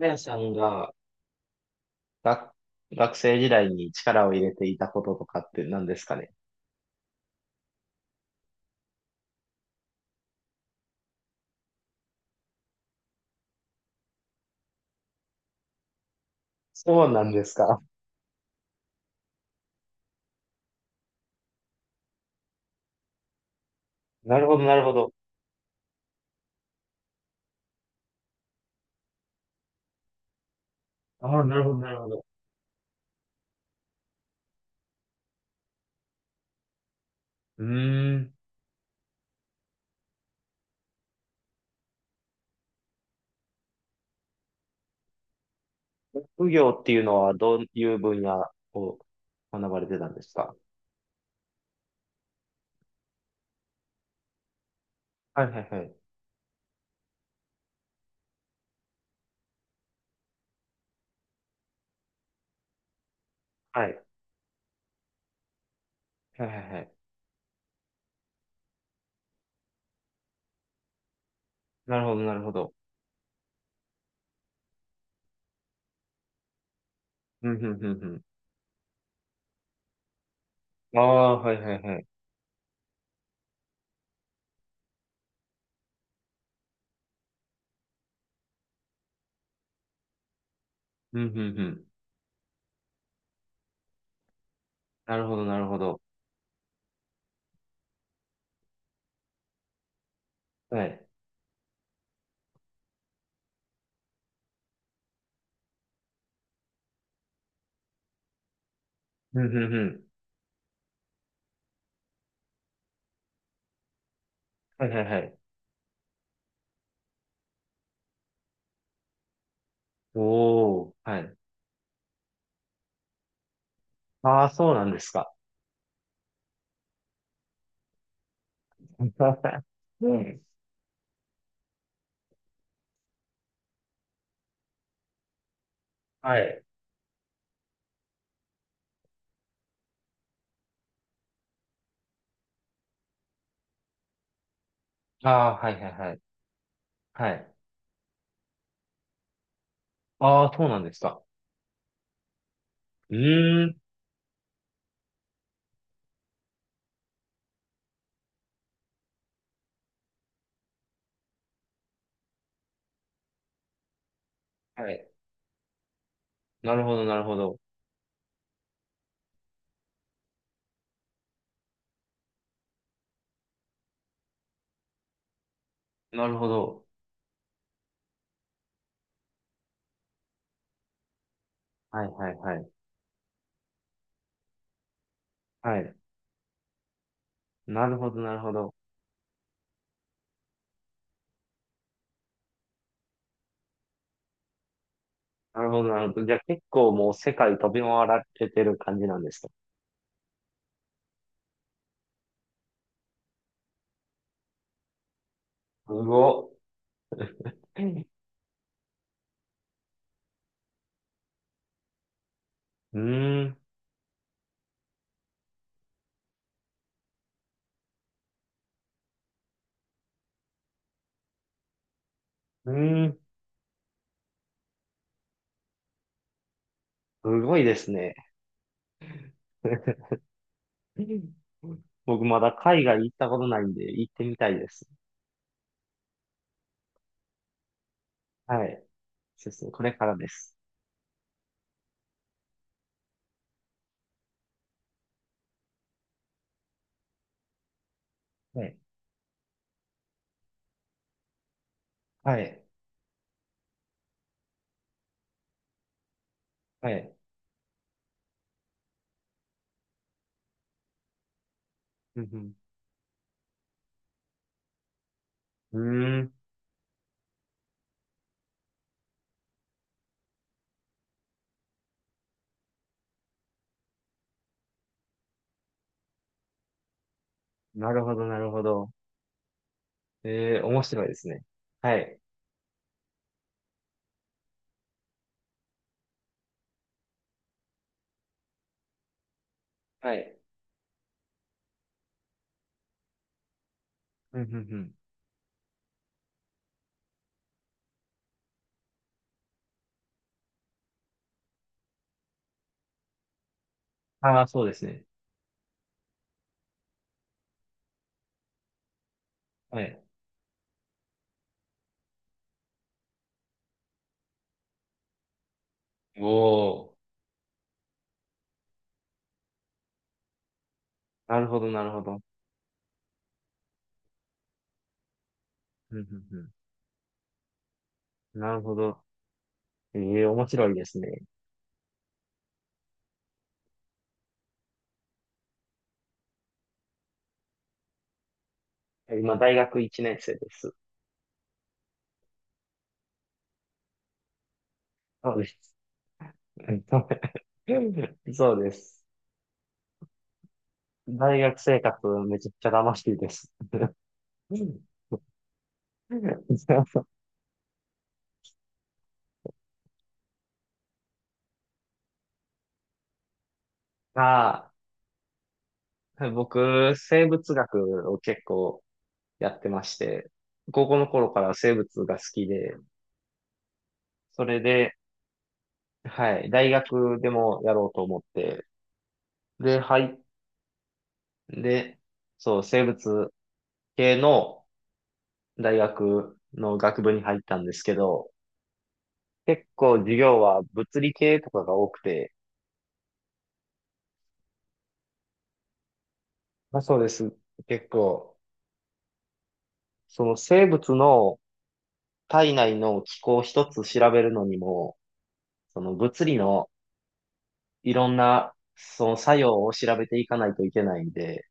あやさんが、学、学生時代に力を入れていたこととかって何ですかね。そうなんですか。なるほど、なるほど。ああ、なるほど、なるほど。うーん。副業っていうのはどういう分野を学ばれてたんですか？はい、はい、はい。はい。はい、はい、はい。なるほど、なるほど。うん、うん、うん、うん。ああ、はい、はい、はい。うん、うん、うん。なるほど、なるほど。はい。うん、うん、うん。はい、はい、はい。おー、はい。ああ、そうなんですか。うん。はい。ああー、はいはいはい。はい。ああ、そうなんですか。うーん。はい。なるほど、なるほど。なるほど。はいはいはい。はい。なるほど、なるほど。なるほど、なるほど。じゃあ結構もう世界飛び回られてる感じなんですか？すごっ。うーん。うーん。すごいですね。僕まだ海外行ったことないんで行ってみたいです。はい。そうですね。これからです。はい。はい。はい。うんうん。うーん。なるほど、なるほど。ええ、面白いですね。はい。はい。うんうんうん。ああ、そうですね。はい。おー。なるほど、なるほど。うんうんうん。なるほど。ええ、面白いですね。今、大学1年生です。そうです。そうです。大学生活、めちゃくちゃ楽しいです。ああ、僕、生物学を結構やってまして、高校の頃から生物が好きで、それで、はい、大学でもやろうと思って、で、っそう、生物系の大学の学部に入ったんですけど、結構授業は物理系とかが多くて、まあそうです。結構、その生物の体内の機構一つ調べるのにも、その物理のいろんなその作用を調べていかないといけないんで、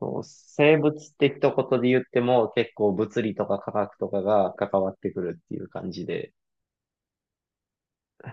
そう生物的とことで言っても結構物理とか科学とかが関わってくるっていう感じで、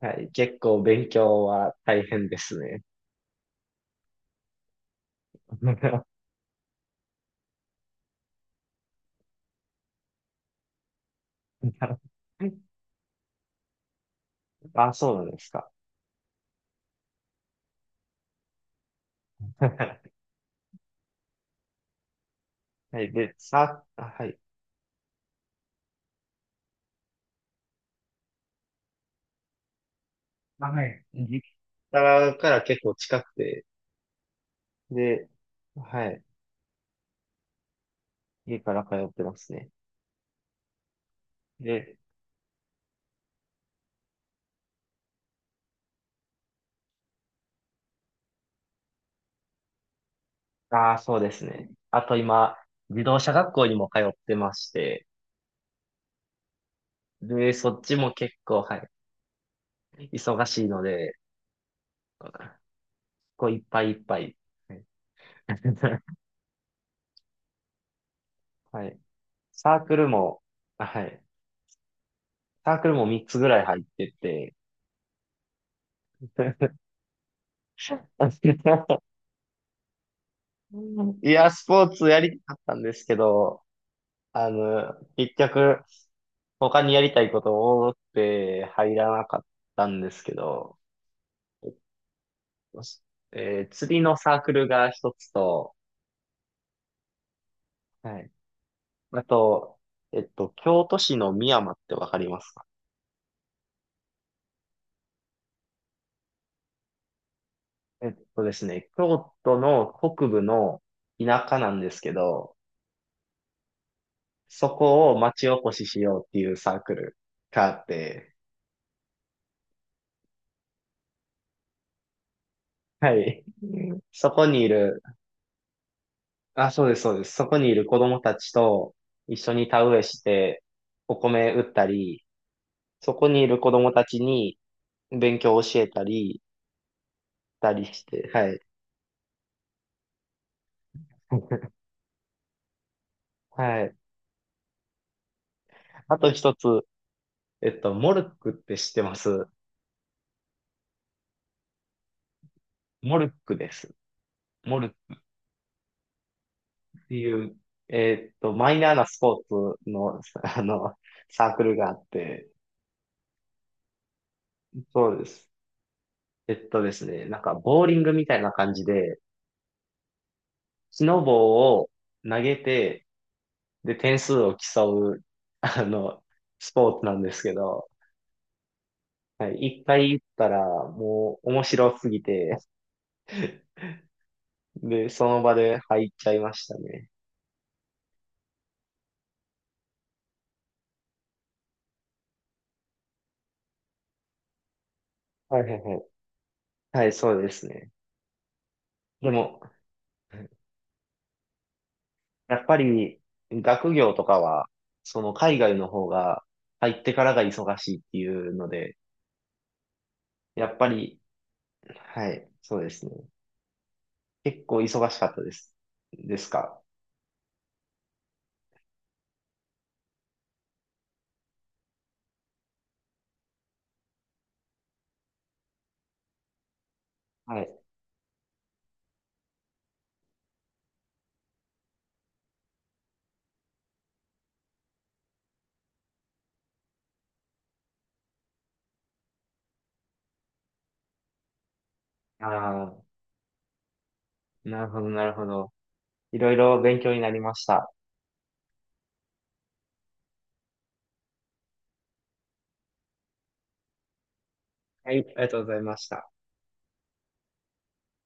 はい、結構勉強は大変ですね。あ、そうなんですか。はい、で、はい。はい。実家から結構近くて、で、はい、家から通ってますね。で、ああ、そうですね。あと今、自動車学校にも通ってまして、で、そっちも結構、はい、忙しいので、こういっぱいいっぱい。はい。サークルも、はい。サークルも3つぐらい入ってて。いや、スポーツやりたかったんですけど、結局、他にやりたいことを多くて入らなかったんですけど、釣りのサークルが一つと、はい。あと、京都市の美山ってわかりますか？えっとですね、京都の北部の田舎なんですけど、そこを町おこししようっていうサークルがあって、はい。そこにいる、そうです、そうです。そこにいる子供たちと一緒に田植えして、お米売ったり、そこにいる子供たちに勉強を教えたりして、はい。はい。あと一つ、モルックって知ってますモルックです。モルッっていう、マイナーなスポーツの、サークルがあって、そうです。なんか、ボーリングみたいな感じで、木の棒を投げて、で、点数を競う、あの、スポーツなんですけど、はい、一回行ったら、もう、面白すぎて、で、その場で入っちゃいましたね。はいはいはい。はい、そうですね。でも、やっぱり学業とかは、その海外の方が入ってからが忙しいっていうので、やっぱり、はい、そうですね。結構忙しかったです。ですか。はい。ああ、なるほど、なるほど。いろいろ勉強になりました。はい、ありがとうございました。